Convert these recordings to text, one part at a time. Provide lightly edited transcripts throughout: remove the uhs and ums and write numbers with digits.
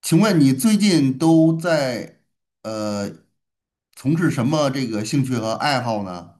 请问你最近都在呃从事什么这个兴趣和爱好呢？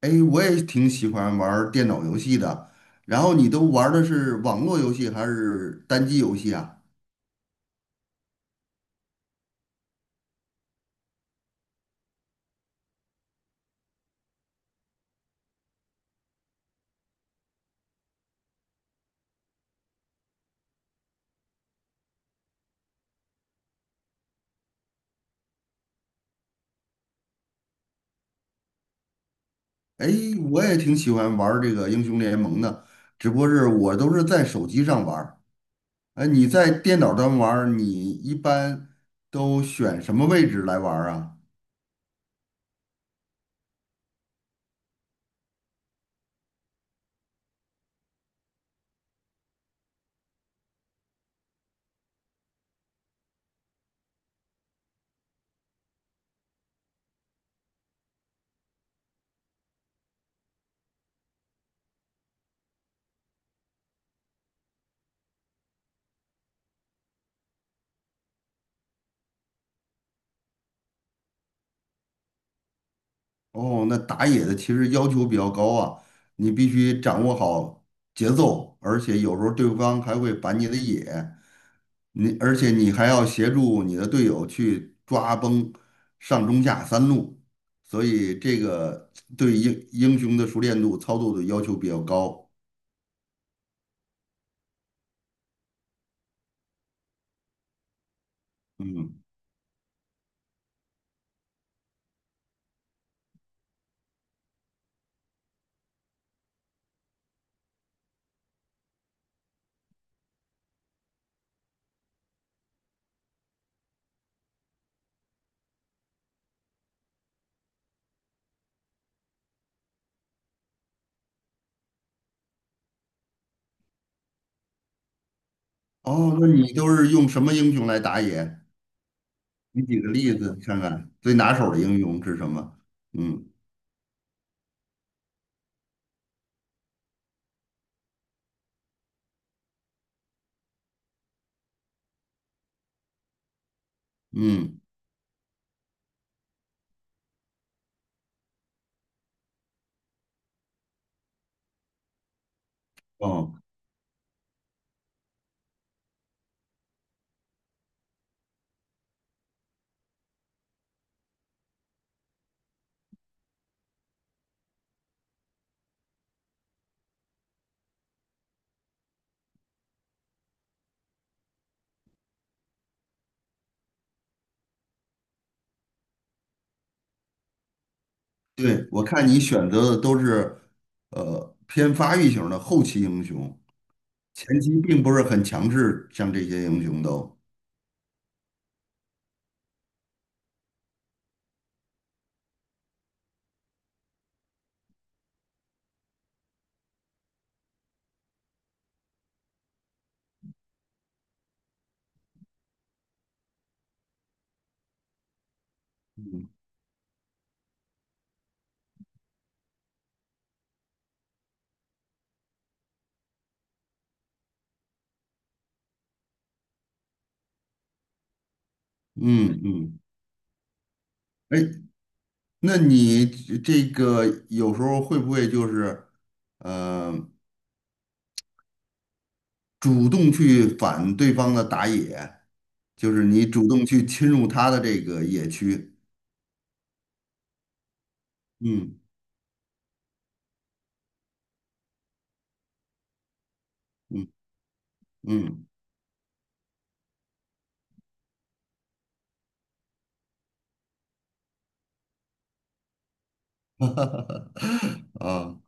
哎，我也挺喜欢玩儿电脑游戏的。然后你都玩儿的是网络游戏还是单机游戏啊？哎，我也挺喜欢玩儿这个英雄联盟的，只不过是我都是在手机上玩儿。哎，你在电脑端玩儿，你一般都选什么位置来玩儿啊？哦，那打野的其实要求比较高啊，你必须掌握好节奏，而且有时候对方还会板你的野，而且你还要协助你的队友去抓崩上中下三路，所以这个对英雄的熟练度、操作的要求比较高。嗯。哦，那你都是用什么英雄来打野？你举个例子看看，最拿手的英雄是什么？嗯嗯。哦。对，我看你选择的都是，呃，偏发育型的后期英雄，前期并不是很强势，像这些英雄都。嗯嗯嗯。哎，那你这个有时候会不会就是，呃，主动去反对方的打野，就是你主动去侵入他的这个野区？嗯嗯嗯。啊。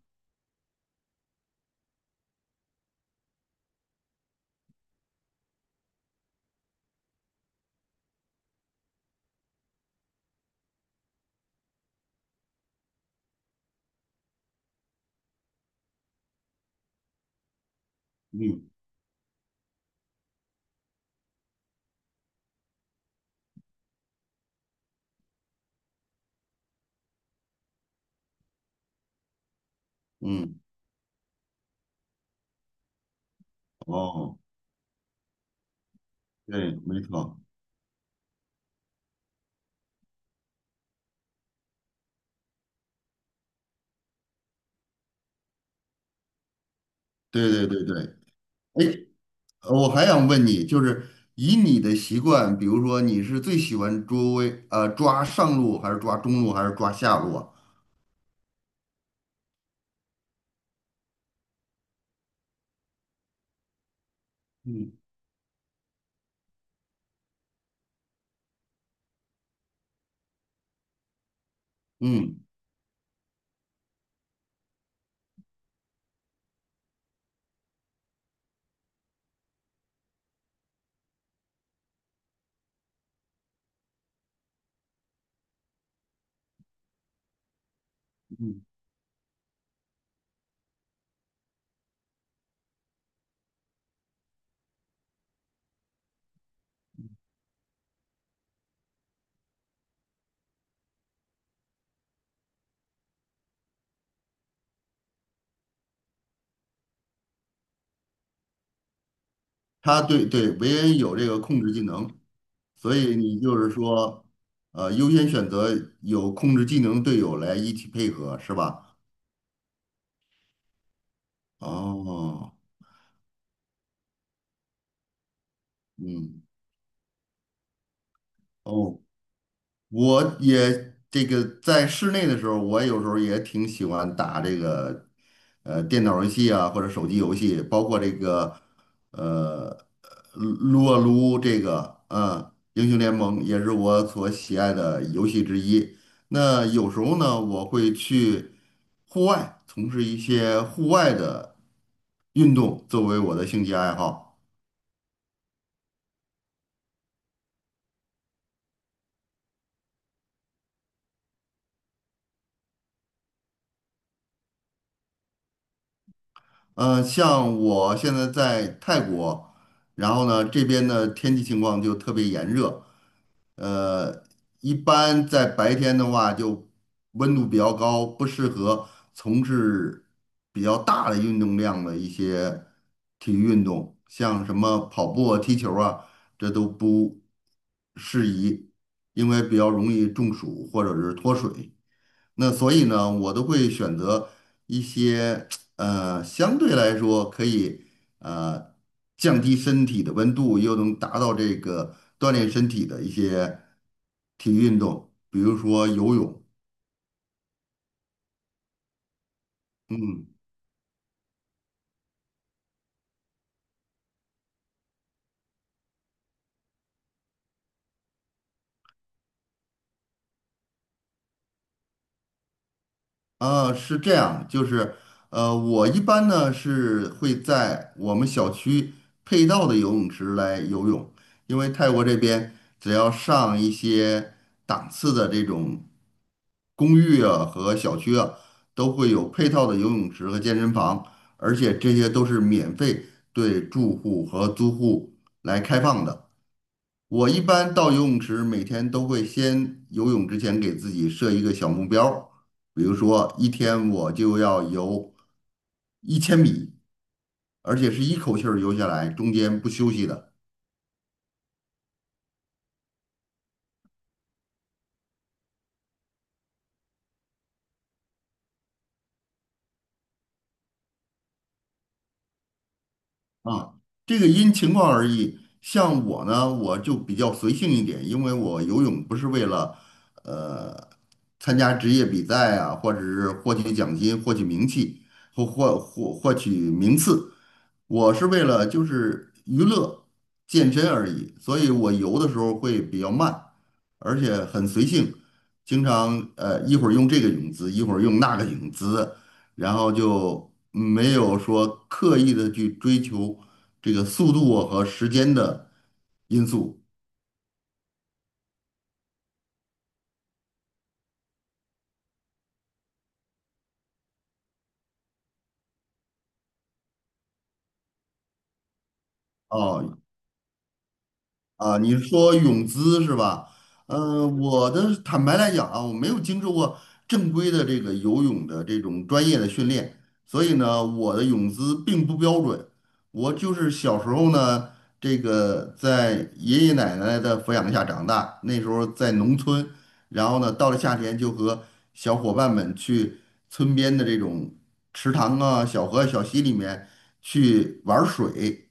嗯嗯。哦，对，没错，对对对对。哎，我还想问你，就是以你的习惯，比如说你是最喜欢抓上路，还是抓中路，还是抓下路啊？嗯嗯。嗯，它维恩有这个控制技能，所以你就是说，呃，优先选择有控制技能的队友来一起配合，是吧？哦。嗯。哦，我也这个在室内的时候，我有时候也挺喜欢打这个电脑游戏啊，或者手机游戏，包括这个呃撸啊撸这个，嗯，英雄联盟也是我所喜爱的游戏之一。那有时候呢，我会去户外从事一些户外的运动，作为我的兴趣爱好。呃，像我现在在泰国，然后呢，这边的天气情况就特别炎热。呃，一般在白天的话，就温度比较高，不适合从事比较大的运动量的一些体育运动，像什么跑步啊、踢球啊，这都不适宜，因为比较容易中暑或者是脱水。那所以呢，我都会选择一些呃相对来说可以呃降低身体的温度，又能达到这个锻炼身体的一些体育运动，比如说游泳。嗯。呃，是这样，就是，呃，我一般呢是会在我们小区配套的游泳池来游泳，因为泰国这边只要上一些档次的这种公寓啊和小区啊，都会有配套的游泳池和健身房，而且这些都是免费对住户和租户来开放的。我一般到游泳池，每天都会先游泳之前给自己设一个小目标儿，比如说一天我就要游1000米，而且是一口气儿游下来，中间不休息的。啊，这个因情况而异。像我呢，我就比较随性一点，因为我游泳不是为了呃参加职业比赛啊，或者是获取奖金、获取名气或获取名次，我是为了就是娱乐、健身而已。所以我游的时候会比较慢，而且很随性，经常一会儿用这个泳姿，一会儿用那个泳姿，然后就没有说刻意的去追求这个速度啊和时间的因素。哦，啊，你说泳姿是吧？呃，我的坦白来讲啊，我没有经受过正规的这个游泳的这种专业的训练，所以呢，我的泳姿并不标准。我就是小时候呢，这个在爷爷奶奶的抚养下长大，那时候在农村，然后呢，到了夏天就和小伙伴们去村边的这种池塘啊、小河、小溪里面去玩水。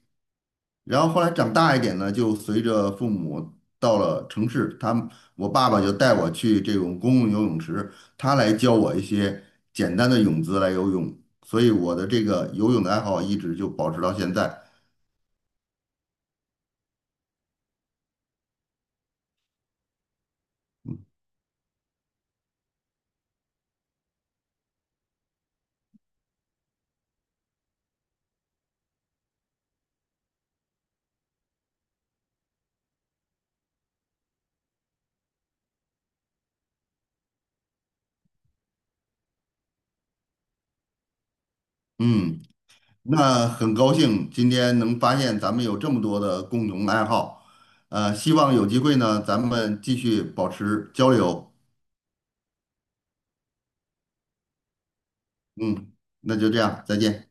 然后后来长大一点呢，就随着父母到了城市，我爸爸就带我去这种公共游泳池，他来教我一些简单的泳姿来游泳，所以我的这个游泳的爱好一直就保持到现在。嗯，那很高兴今天能发现咱们有这么多的共同爱好，呃，希望有机会呢，咱们继续保持交流。嗯，那就这样，再见。